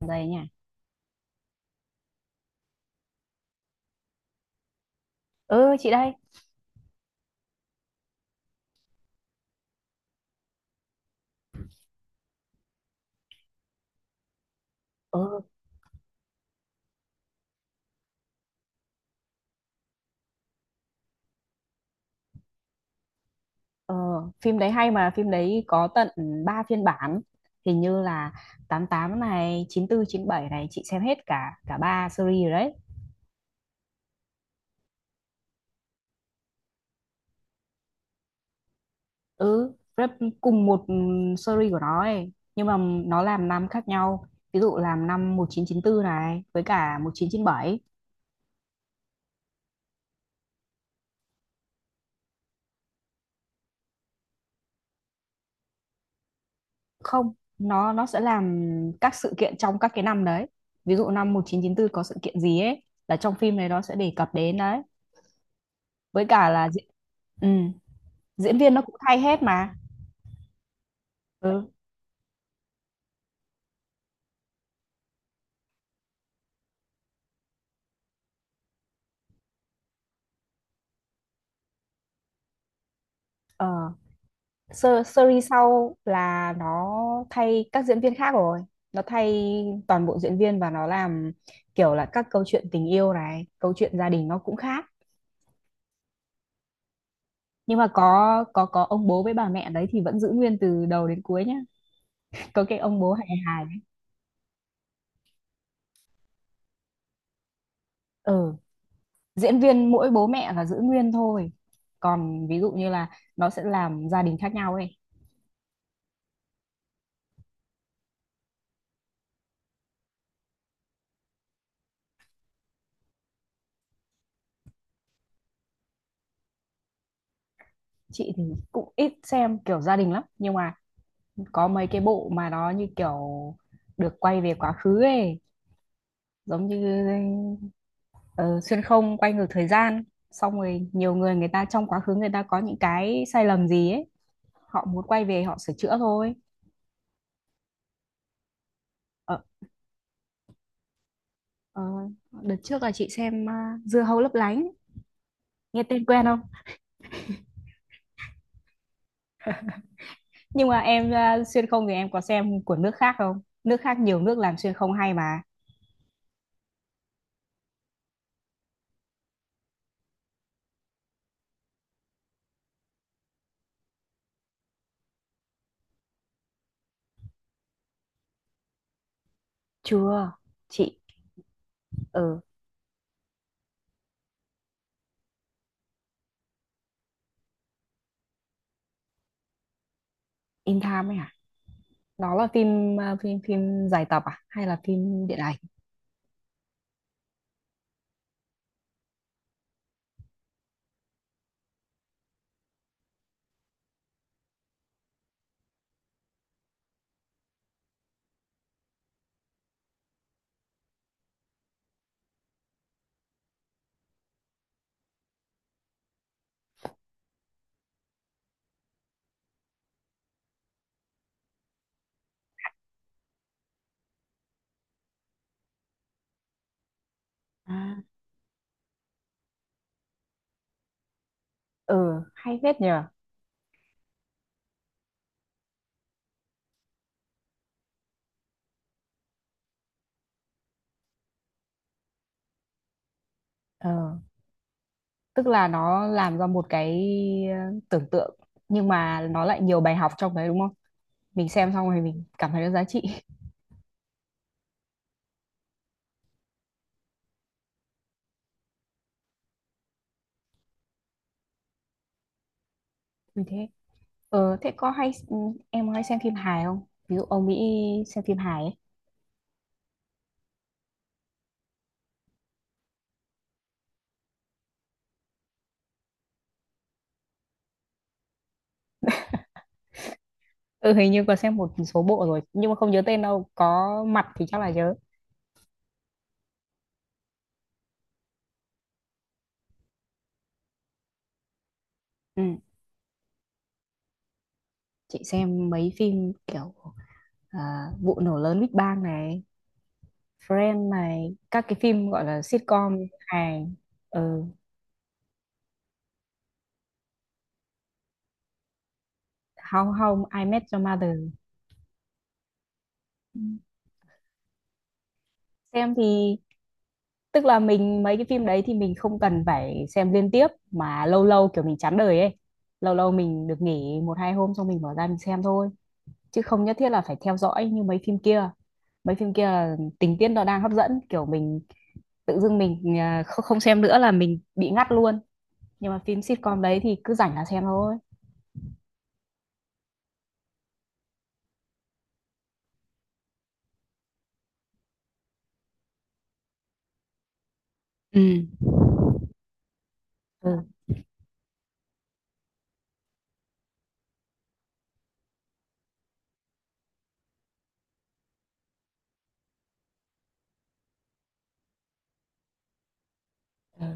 Đây nha. Ừ, chị đây. Ừ. ờ, Phim đấy hay mà phim đấy có tận 3 phiên bản, hình như là 88 này, 94, 97 này, chị xem hết cả cả ba series rồi đấy. Ừ, rất cùng một series của nó ấy, nhưng mà nó làm năm khác nhau. Ví dụ làm năm 1994 này với cả 1997. Không, nó sẽ làm các sự kiện trong các cái năm đấy. Ví dụ năm 1994 có sự kiện gì ấy là trong phim này nó sẽ đề cập đến đấy, với cả là ừ. Diễn viên nó cũng thay hết mà. Ừ. Ờ. Series sau là nó thay các diễn viên khác rồi. Nó thay toàn bộ diễn viên và nó làm kiểu là các câu chuyện tình yêu này, câu chuyện gia đình nó cũng khác. Nhưng mà có ông bố với bà mẹ đấy thì vẫn giữ nguyên từ đầu đến cuối nhá. Có cái ông bố hài hài ấy. Ừ, diễn viên mỗi bố mẹ là giữ nguyên thôi. Còn ví dụ như là nó sẽ làm gia đình khác nhau ấy. Chị thì cũng ít xem kiểu gia đình lắm, nhưng mà có mấy cái bộ mà nó như kiểu được quay về quá khứ ấy, giống như ờ, xuyên không, quay ngược thời gian, xong rồi nhiều người người ta trong quá khứ người ta có những cái sai lầm gì ấy, họ muốn quay về họ sửa chữa thôi. ờ, ờ, Đợt trước là chị xem, Dưa hấu lấp lánh, nghe tên quen không? Nhưng mà em, xuyên không thì em có xem của nước khác không? Nước khác nhiều nước làm xuyên không hay mà. Chưa, chị. ờ In Time ấy hả? Đó là phim, phim dài tập à hay là phim điện ảnh? À, ừ, hay phết nhờ. ờ Tức là nó làm ra một cái tưởng tượng, nhưng mà nó lại nhiều bài học trong đấy đúng không? Mình xem xong rồi mình cảm thấy nó giá trị. Như thế. Thế có hay, em có hay xem phim hài không, ví dụ ông Mỹ, xem phim hài ấy? Ừ, hình như có xem một số bộ rồi nhưng mà không nhớ tên đâu, có mặt thì chắc là nhớ. Ừ, chị xem mấy phim kiểu, à, vụ nổ lớn Big Bang này, Friends này, các cái phim gọi là sitcom, hài. Ừ. Hồng Hồng I Met Your Mother. Xem thì tức là mình, mấy cái phim đấy thì mình không cần phải xem liên tiếp, mà lâu lâu kiểu mình chán đời ấy, lâu lâu mình được nghỉ một hai hôm xong mình bỏ ra mình xem thôi, chứ không nhất thiết là phải theo dõi như mấy phim kia. Mấy phim kia là tình tiết nó đang hấp dẫn kiểu mình tự dưng mình không xem nữa là mình bị ngắt luôn. Nhưng mà phim sitcom đấy thì cứ rảnh là xem thôi. Ừ. Ừ. Ừ.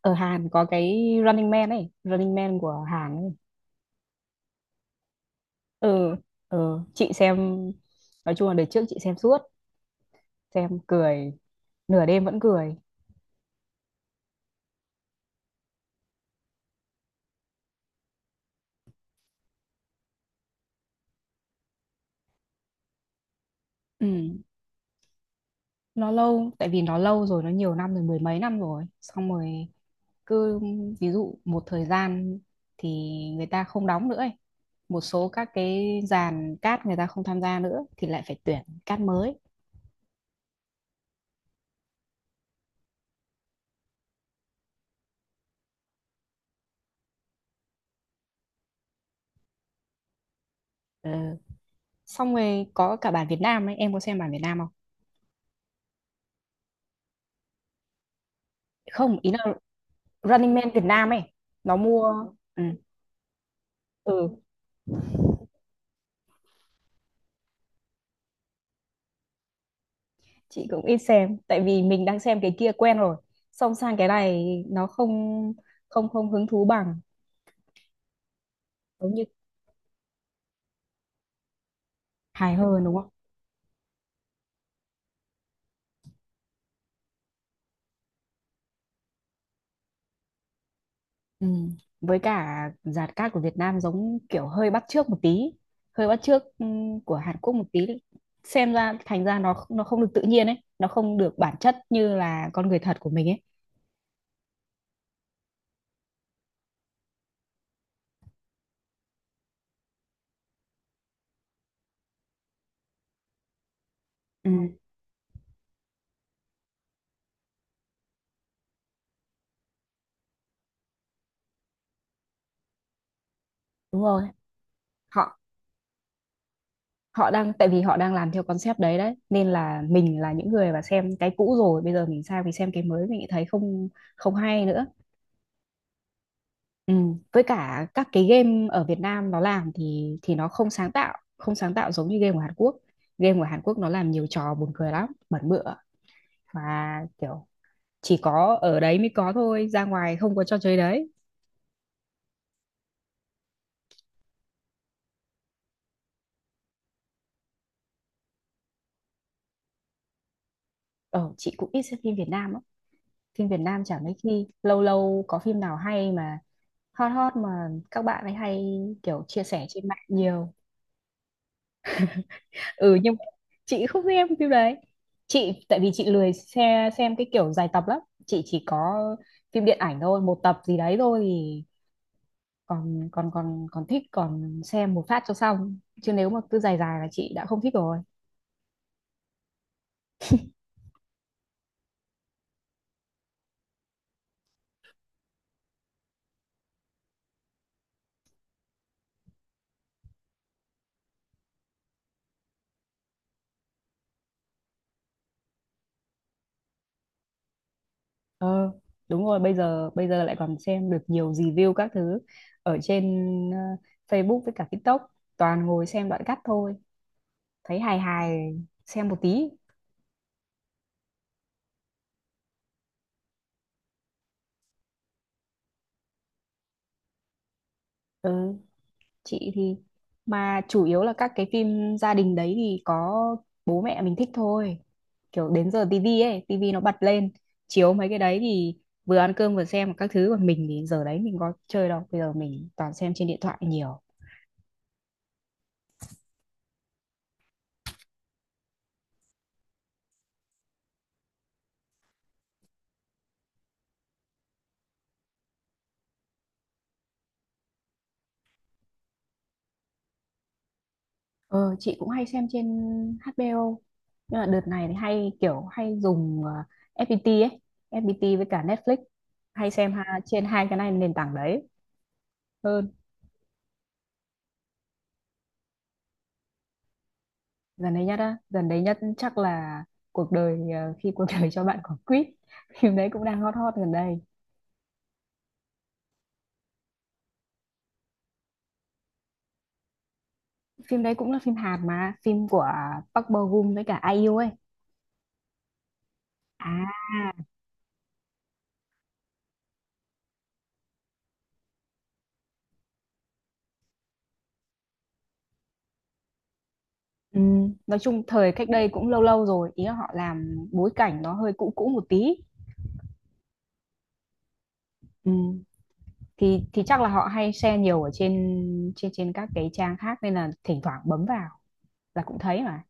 Ở Hàn có cái Running Man ấy, Running Man của Hàn ấy. Ừ. Ừ, chị xem, nói chung là đời trước chị xem suốt, xem cười nửa đêm vẫn cười. Ừ, nó lâu, tại vì nó lâu rồi, nó nhiều năm rồi, mười mấy năm rồi, xong rồi cứ ví dụ một thời gian thì người ta không đóng nữa ấy. Một số các cái dàn cát người ta không tham gia nữa thì lại phải tuyển cát mới. Ừ. Xong rồi có cả bản Việt Nam ấy, em có xem bản Việt Nam không? Không, ý là Running Man Việt Nam ấy, nó mua. Ừ. Ừ, chị cũng ít xem tại vì mình đang xem cái kia quen rồi, xong sang cái này nó không không không hứng thú bằng, giống như hài hơn đúng không? Ừ. Với cả dàn cát của Việt Nam giống kiểu hơi bắt chước một tí, hơi bắt chước của Hàn Quốc một tí, xem ra thành ra nó không được tự nhiên ấy, nó không được bản chất như là con người thật của mình ấy. Ừ. Đúng rồi, họ họ đang, tại vì họ đang làm theo concept đấy đấy, nên là mình là những người mà xem cái cũ rồi bây giờ mình sang mình xem cái mới mình thấy không không hay nữa. Ừ. Với cả các cái game ở Việt Nam nó làm thì nó không sáng tạo, không sáng tạo giống như game của Hàn Quốc. Game của Hàn Quốc nó làm nhiều trò buồn cười lắm, bẩn bựa và kiểu chỉ có ở đấy mới có thôi, ra ngoài không có trò chơi đấy. Ờ chị cũng ít xem phim Việt Nam á. Phim Việt Nam chả mấy khi, lâu lâu có phim nào hay mà hot hot mà các bạn ấy hay kiểu chia sẻ trên mạng nhiều. Ừ, nhưng mà chị không xem phim đấy. Chị tại vì chị lười xem, cái kiểu dài tập lắm. Chị chỉ có phim điện ảnh thôi, một tập gì đấy thôi thì còn còn còn còn thích, còn xem một phát cho xong, chứ nếu mà cứ dài dài là chị đã không thích rồi. ờ Đúng rồi, bây giờ lại còn xem được nhiều review các thứ ở trên, ờ, Facebook với cả TikTok, toàn ngồi xem đoạn cắt thôi, thấy hài hài xem một tí. Ừ, chị thì, mà chủ yếu là các cái phim gia đình đấy thì có bố mẹ mình thích thôi, kiểu đến giờ tivi ấy, tivi nó bật lên chiếu mấy cái đấy thì vừa ăn cơm vừa xem các thứ, còn mình thì giờ đấy mình có chơi đâu, bây giờ mình toàn xem trên điện thoại nhiều. Ờ chị cũng hay xem trên HBO, nhưng mà đợt này thì hay kiểu hay dùng FPT ấy, FPT với cả Netflix, hay xem ha, trên hai cái này nền tảng đấy. Ừ. Dần đấy nhất á, dần đấy nhất chắc là cuộc đời, khi cuộc đời cho bạn quả quýt. Phim đấy cũng đang hot hot gần đây. Phim đấy cũng là phim Hàn mà, phim của Park Bo Gum với cả IU ấy. À. Ừ, nói chung thời cách đây cũng lâu lâu rồi, ý là họ làm bối cảnh nó hơi cũ cũ một tí. Ừ, thì chắc là họ hay share nhiều ở trên, trên các cái trang khác nên là thỉnh thoảng bấm vào là cũng thấy mà.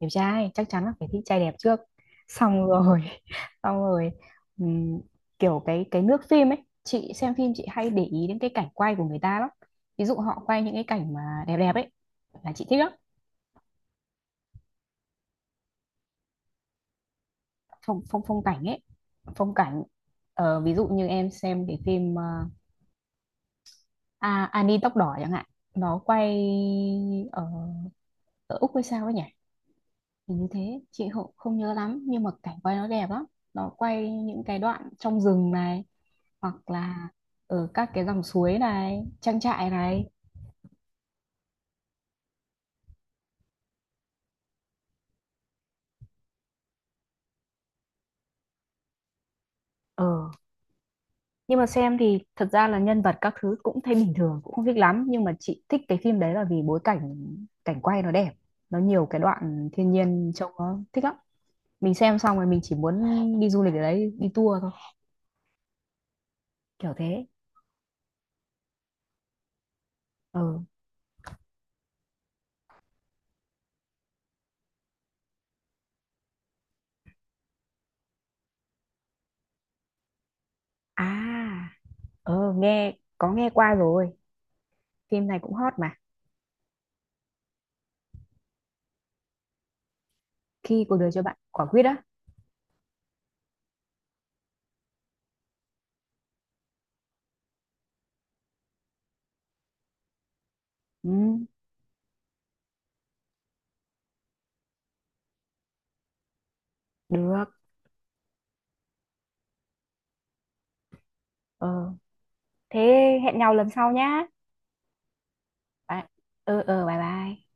Đẹp trai chắc chắn là phải thích trai đẹp trước, xong rồi xong rồi ừm, kiểu cái nước phim ấy, chị xem phim chị hay để ý đến cái cảnh quay của người ta lắm, ví dụ họ quay những cái cảnh mà đẹp đẹp ấy là chị thích lắm. Phong phong Phong cảnh ấy, phong cảnh. Ờ, ví dụ như em xem cái phim, Annie tóc đỏ chẳng hạn, nó quay ở ở Úc hay sao ấy nhỉ. Hình như thế, chị không nhớ lắm nhưng mà cảnh quay nó đẹp lắm, nó quay những cái đoạn trong rừng này hoặc là ở các cái dòng suối này, trang trại này. Ờ, nhưng mà xem thì thật ra là nhân vật các thứ cũng thấy bình thường, cũng không thích lắm. Nhưng mà chị thích cái phim đấy là vì bối cảnh, cảnh quay nó đẹp. Nó nhiều cái đoạn thiên nhiên trông nó thích lắm. Mình xem xong rồi mình chỉ muốn đi du lịch ở đấy, đi tour thôi. Kiểu thế. Ờ, à, Nghe, có nghe qua rồi. Phim này cũng hot mà. Khi cuộc đời cho bạn quả quýt á. Ừ, được. Ờ, Thế hẹn nhau lần sau nhá. Bye. Ừ bye bye.